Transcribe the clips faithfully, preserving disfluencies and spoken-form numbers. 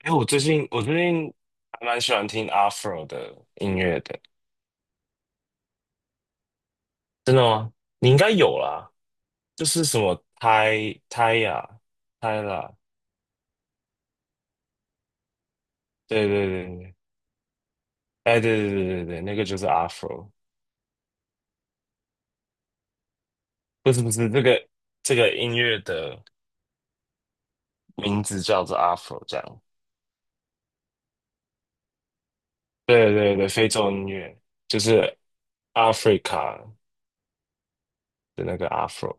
哎，我最近我最近还蛮喜欢听 Afro 的音乐的，真的吗？你应该有啦，就是什么泰泰 i 泰 a 对对对对，哎对对对对对，那个就是 Afro，不是，不是，这个这个音乐的名字叫做 Afro 这样，对对对，非洲音乐就是 Africa 的那个 Afro。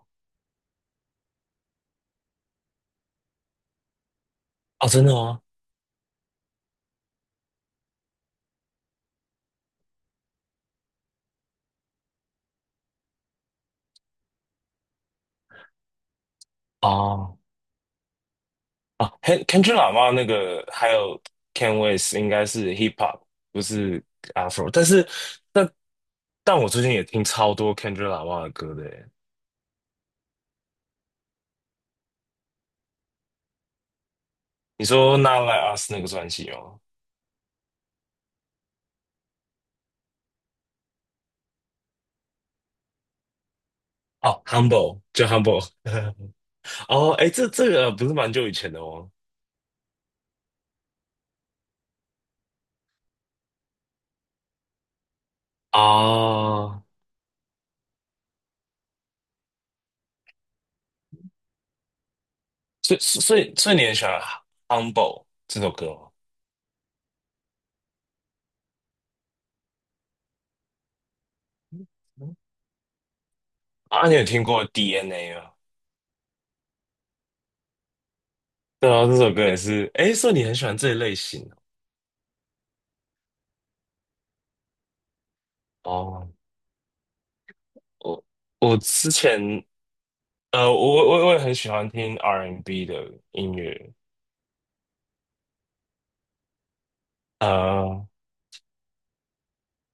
哦，真的吗？哦，啊，Ken Kendrick Lamar 那个还有 Ken West 应该是 Hip Hop，不是 Afro。但是，但但我最近也听超多 Kendrick Lamar 的歌的耶。你说《Not Like Us》那个专辑吗？哦，Humble 就 Humble。哦，哎，这这个不是蛮久以前的哦。啊，所以所以所以你很喜欢《Humble》这首歌吗？嗯，啊，你有听过 D N A 吗？对啊，这首歌也是。哎，所以你很喜欢这一类型哦。哦，我我之前呃，我我我也很喜欢听 R and B N 的音乐。呃，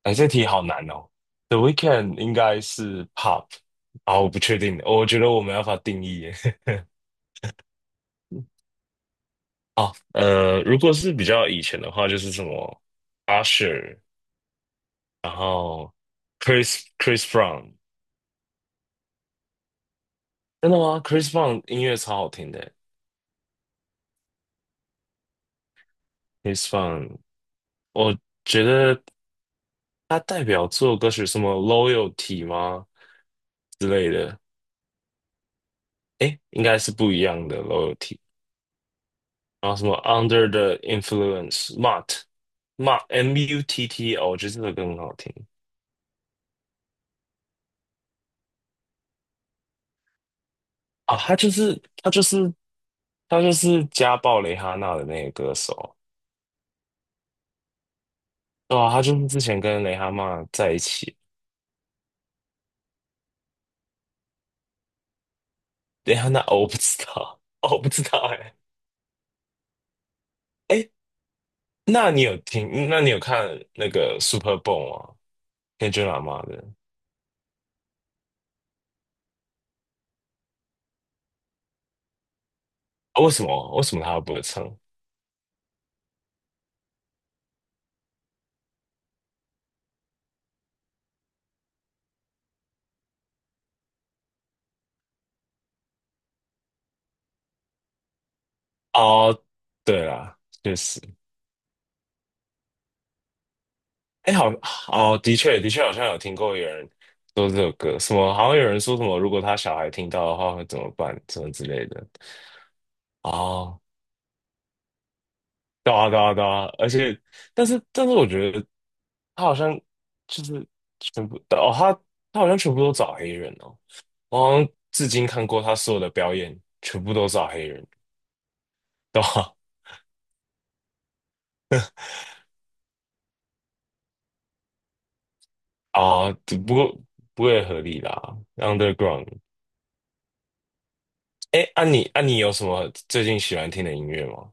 哎，这题好难哦。The Weeknd e 应该是 pop 啊，我不确定，我觉得我没办法定义耶。哦，呃，如果是比较以前的话，就是什么 Usher，然后 Chris Chris Brown。真的吗？Chris Brown 音乐超好听的。Chris Brown，我觉得他代表作歌曲什么 Loyalty 吗之类的，诶，应该是不一样的 Loyalty。然后什么 Under the Influence Mutt Mutt M U T T 哦，我觉得这首歌很好听。啊，他就是他就是他就是家暴蕾哈娜的那个歌手。对啊。他就是之前跟蕾哈娜在一起。蕾哈娜，哦，我不知道，哦，我不知道，哎、哎，那你有听？那你有看那个 Super Bowl 吗？天君喇嘛的、啊，为什么为什么他不会唱？哦，对啦，确实。哎，好。哦，的确，的确，好像有听过有人说这首歌，什么好像有人说什么，如果他小孩听到的话会怎么办，什么之类的。哦，对啊，对啊，对啊，而且，但是，但是，我觉得他好像就是全部。哦，他他好像全部都找黑人哦，我好像至今看过他所有的表演，全部都找黑人，对吧？啊，只不过不会合理啦，Underground。哎，啊你啊你有什么最近喜欢听的音乐吗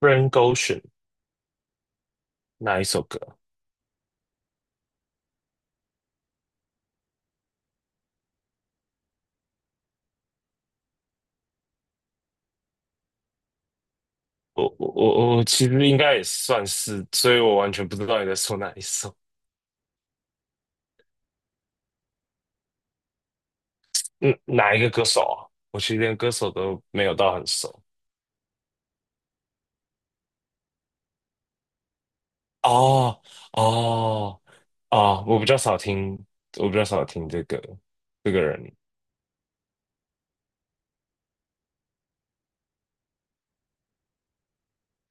？Frank Ocean。哪一首歌？我我我我其实应该也算是，所以我完全不知道你在说哪一首。嗯，哪一个歌手啊？我其实连歌手都没有到很熟。哦哦哦，我比较少听，我比较少听这个这个人。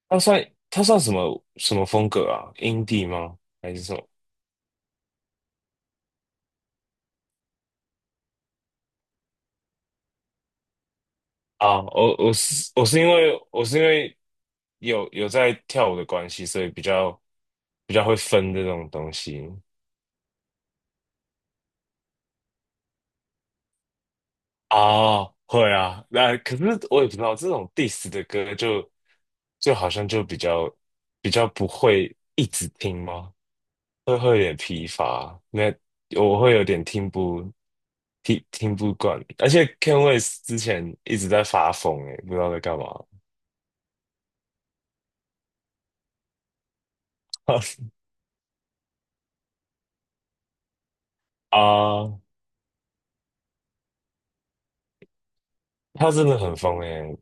他算他算什么什么风格啊？indie 吗？还是什么？啊，我我是我是因为我是因为有有在跳舞的关系，所以比较比较会分这种东西。啊，会啊，那、可是我也不知道这种 diss 的歌就就好像就比较比较不会一直听吗？会会有点疲乏，那我会有点听不听听不惯。而且 Ken w e s 之前一直在发疯诶、不知道在干嘛。 啊，他真的很疯诶、欸、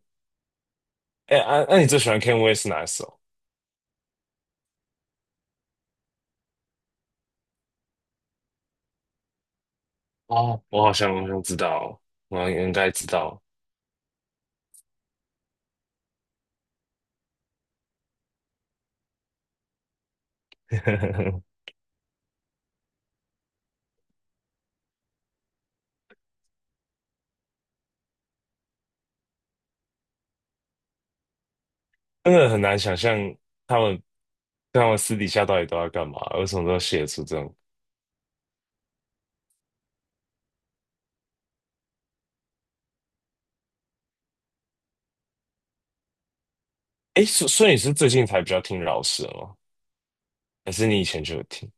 诶、那啊，那、你最喜欢 Ken West 哪一首？哦，我好像我好像知道，我应该知道。真的很难想象。他但我私底下到底都在干嘛？为什么都要写出这种？哎，所所以你是最近才比较听饶舌吗？还是你以前就有听？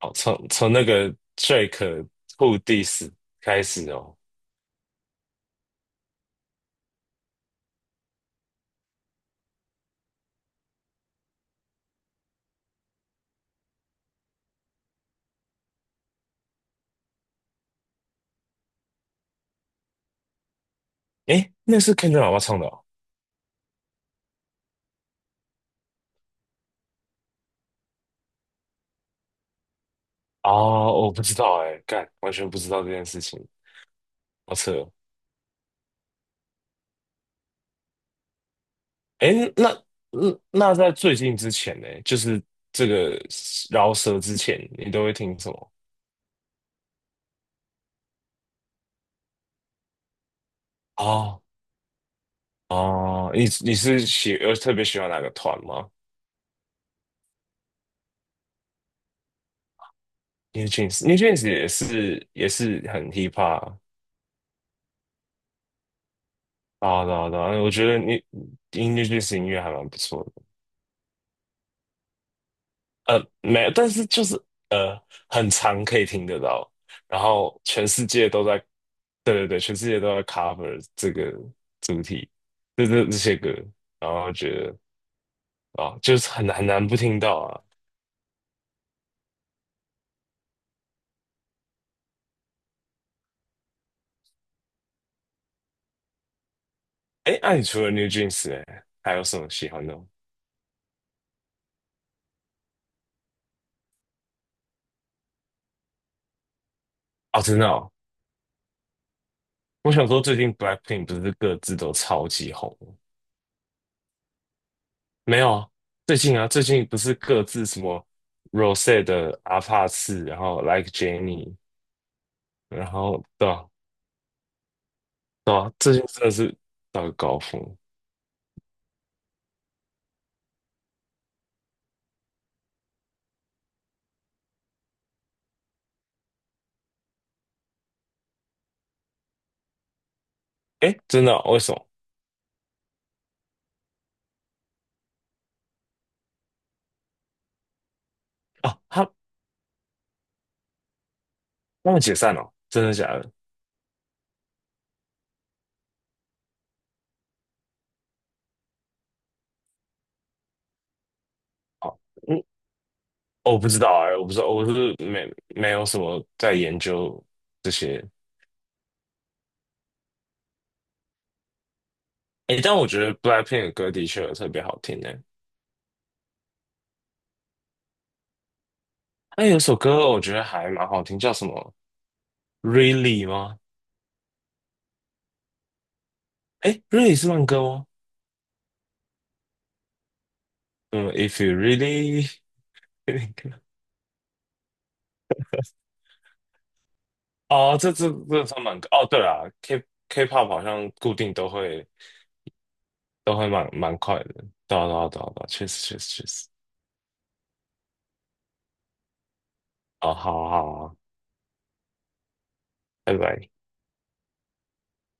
哦，从从那个 Drake Who Dis 开始哦。哎，那是 Kendrick 老爸唱的哦。哦，我不知道哎，干，完全不知道这件事情，好扯哦。哎，那嗯那在最近之前呢，就是这个饶舌之前，你都会听什么？哦，哦，你你是喜呃特别喜欢哪个团吗？New Jeans，New Jeans 也是也是很 hip hop 啊，对啊对啊我觉得 New New Jeans 音乐还蛮不错的。呃，没，有，但是就是呃，很常可以听得到，然后全世界都在。对对对，全世界都在 cover 这个主题，这这这些歌，然后觉得啊，就是很很难不听到啊。哎，那、你除了 New Jeans，哎，还有什么喜欢的吗？哦，真的哦，我想说最近 Blackpink 不是各自都超级红。没有啊，最近啊，最近不是各自什么 r o s e 的阿帕次，然后 Like Jenny，然后对啊，对啊，最近真的是到了高峰。诶，真的哦，为什么？啊，他他们解散了哦，真的假的？哦，嗯，哦，我不知道啊，我不知道，我是没没有什么在研究这些。哎，但我觉得 BLACKPINK 的歌的确有特别好听的。哎，有首歌我觉得还蛮好听，叫什么？Really 吗？哎，Really 是慢歌吗？嗯，If you really。 哦，这这这算蛮哦，对啦，K K-pop 好像固定都会都会蛮蛮快的，对啊对啊对啊对啊，确实确实确实。哦，好好好啊，拜拜。